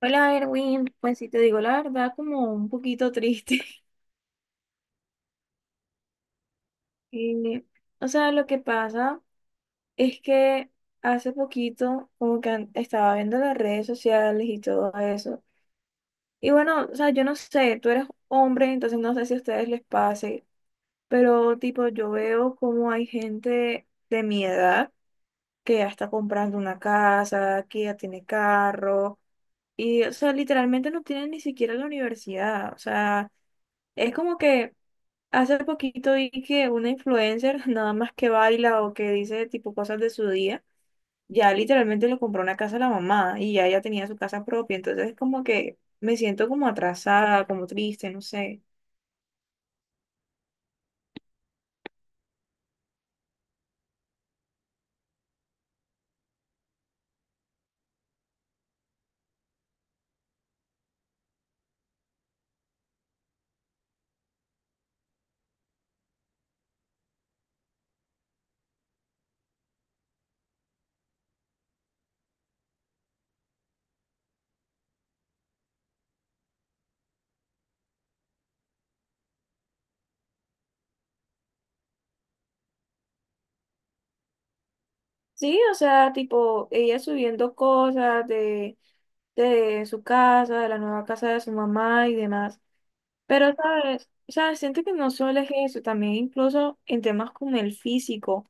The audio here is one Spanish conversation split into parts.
Hola, Erwin. Pues si te digo la verdad, como un poquito triste. Y, o sea, lo que pasa es que hace poquito como que estaba viendo las redes sociales y todo eso. Y bueno, o sea, yo no sé, tú eres hombre, entonces no sé si a ustedes les pase, pero tipo yo veo como hay gente de mi edad que ya está comprando una casa, que ya tiene carro, y o sea, literalmente no tienen ni siquiera la universidad. O sea, es como que... Hace poquito vi que una influencer, nada más que baila o que dice tipo cosas de su día, ya literalmente le compró una casa a la mamá y ya ella tenía su casa propia. Entonces es como que me siento como atrasada, como triste, no sé. Sí, o sea, tipo ella subiendo cosas de su casa, de la nueva casa de su mamá y demás. Pero, ¿sabes? O sea, siento que no solo es eso, también incluso en temas como el físico.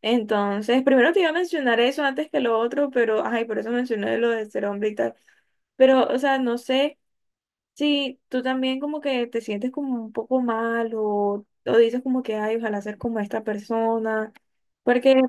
Entonces, primero te iba a mencionar eso antes que lo otro, pero, ay, por eso mencioné lo de ser hombre y tal. Pero, o sea, no sé si tú también como que te sientes como un poco mal o dices como que, ay, ojalá ser como esta persona. Porque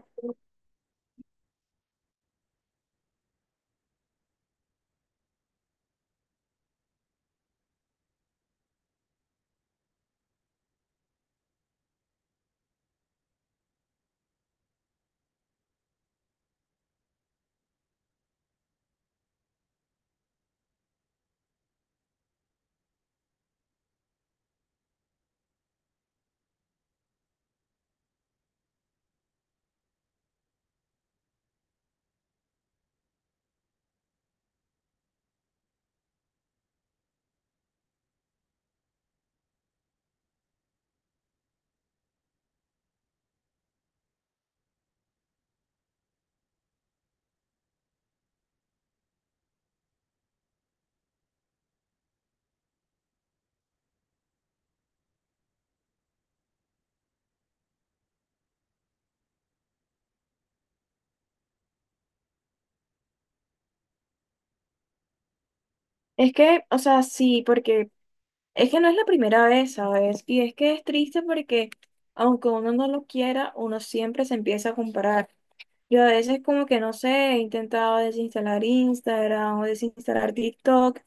es que, o sea, sí, porque es que no es la primera vez, ¿sabes? Y es que es triste porque aunque uno no lo quiera, uno siempre se empieza a comparar. Yo a veces como que no sé, he intentado desinstalar Instagram o desinstalar TikTok,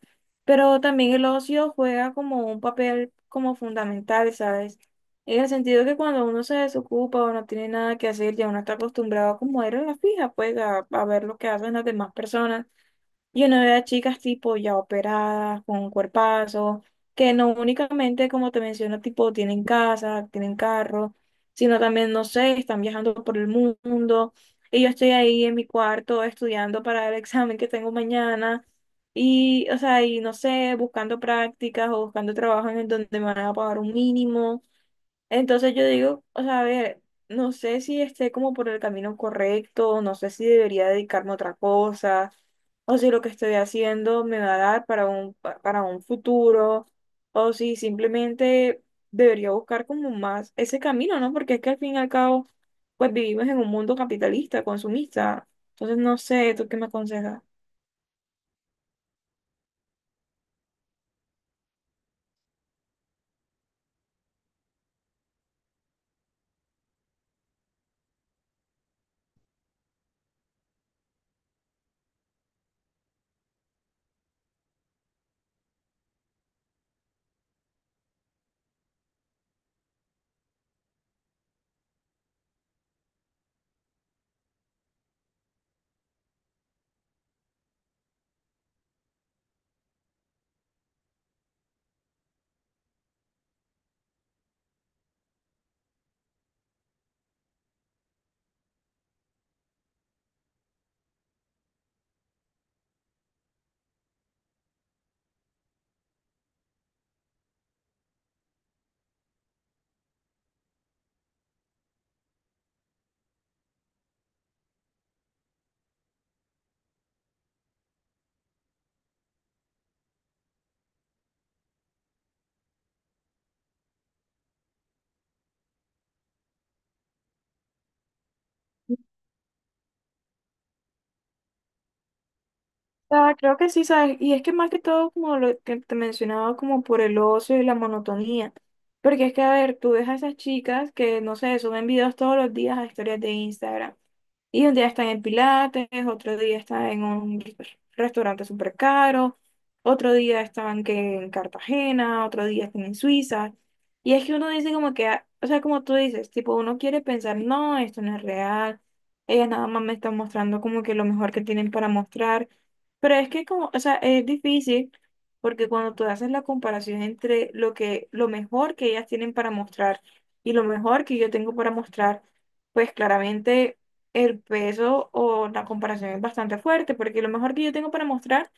pero también el ocio juega como un papel como fundamental, ¿sabes? En el sentido que cuando uno se desocupa o no tiene nada que hacer, ya uno está acostumbrado como era la fija, pues a ver lo que hacen las demás personas. Yo no veo a chicas tipo ya operadas, con cuerpazos, que no únicamente, como te menciono, tipo tienen casa, tienen carro, sino también, no sé, están viajando por el mundo. Y yo estoy ahí en mi cuarto estudiando para el examen que tengo mañana. Y, o sea, y no sé, buscando prácticas o buscando trabajo en el donde me van a pagar un mínimo. Entonces yo digo, o sea, a ver, no sé si esté como por el camino correcto, no sé si debería dedicarme a otra cosa, o si lo que estoy haciendo me va a dar para un, para un futuro, o si simplemente debería buscar como más ese camino, ¿no? Porque es que al fin y al cabo, pues vivimos en un mundo capitalista, consumista. Entonces no sé, ¿tú qué me aconsejas? Ah, creo que sí, ¿sabes? Y es que más que todo, como lo que te mencionaba, como por el ocio y la monotonía. Porque es que, a ver, tú ves a esas chicas que, no sé, suben videos todos los días a historias de Instagram. Y un día están en Pilates, otro día están en un restaurante súper caro, otro día estaban que en Cartagena, otro día están en Suiza. Y es que uno dice como que, ah, o sea, como tú dices, tipo, uno quiere pensar, no, esto no es real, ellas nada más me están mostrando como que lo mejor que tienen para mostrar. Pero es que como, o sea, es difícil porque cuando tú haces la comparación entre lo que, lo mejor que ellas tienen para mostrar y lo mejor que yo tengo para mostrar, pues claramente el peso o la comparación es bastante fuerte, porque lo mejor que yo tengo para mostrar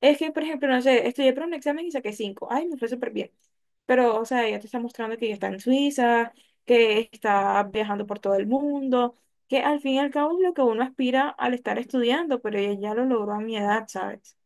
es que, por ejemplo, no sé, estudié para un examen y saqué cinco. Ay, me fue súper bien. Pero, o sea, ella te está mostrando que ella está en Suiza, que está viajando por todo el mundo, que al fin y al cabo es lo que uno aspira al estar estudiando, pero ella ya lo logró a mi edad, ¿sabes?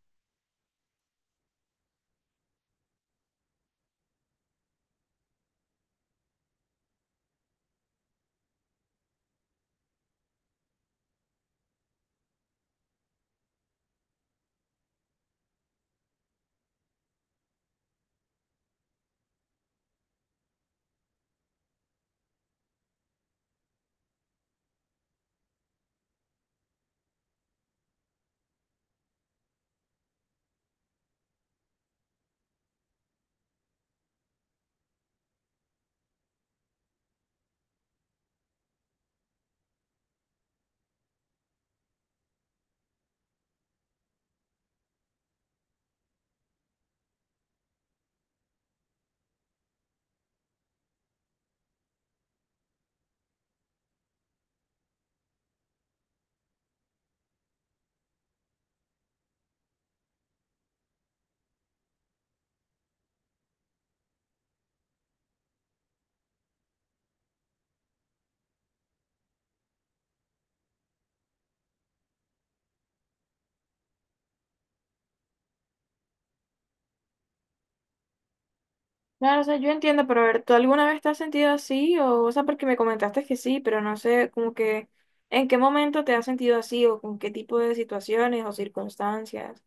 Claro, o sea, yo entiendo, pero a ver, ¿tú alguna vez te has sentido así? O sea, porque me comentaste que sí, pero no sé, como que, ¿en qué momento te has sentido así o con qué tipo de situaciones o circunstancias?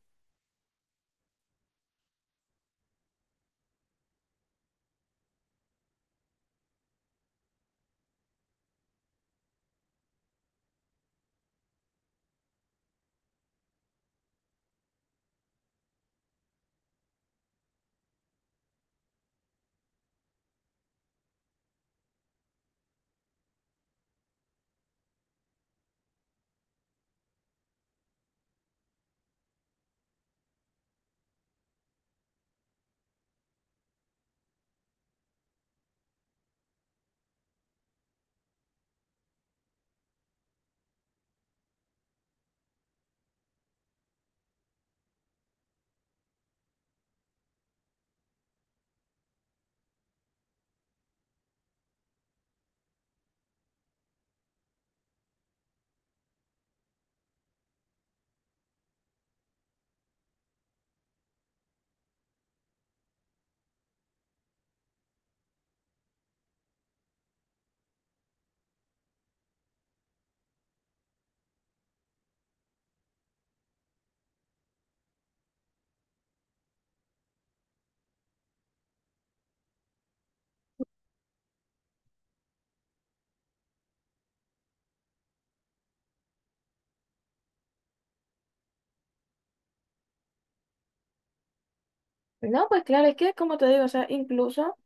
No, pues claro, es que como te digo, o sea, incluso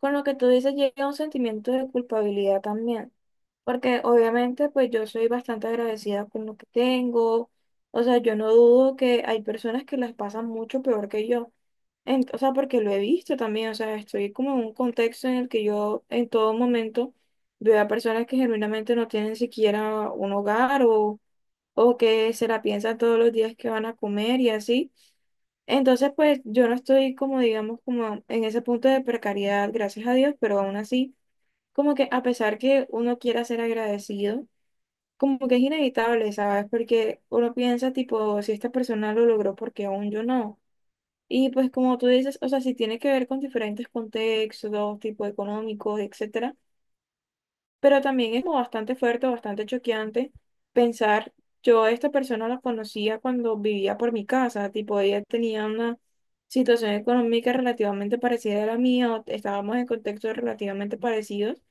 con lo que tú dices llega un sentimiento de culpabilidad también, porque obviamente pues yo soy bastante agradecida con lo que tengo, o sea, yo no dudo que hay personas que las pasan mucho peor que yo. O sea, porque lo he visto también, o sea, estoy como en un contexto en el que yo en todo momento veo a personas que genuinamente no tienen siquiera un hogar o que se la piensan todos los días que van a comer y así. Entonces, pues yo no estoy como, digamos, como en ese punto de precariedad, gracias a Dios, pero aún así, como que a pesar que uno quiera ser agradecido, como que es inevitable, ¿sabes? Porque uno piensa, tipo, ¿si esta persona lo logró, porque aún yo no? Y pues como tú dices, o sea, si tiene que ver con diferentes contextos, tipo económicos, etcétera, pero también es como bastante fuerte, bastante choqueante pensar, yo a esta persona la conocía cuando vivía por mi casa, tipo ella tenía una situación económica relativamente parecida a la mía, o estábamos en contextos relativamente parecidos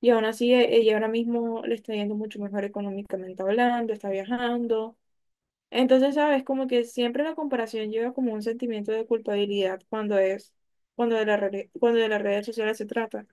y aún así ella ahora mismo le está yendo mucho mejor económicamente hablando, está viajando. Entonces, sabes, como que siempre la comparación lleva como un sentimiento de culpabilidad cuando es, cuando cuando de las redes sociales se trata.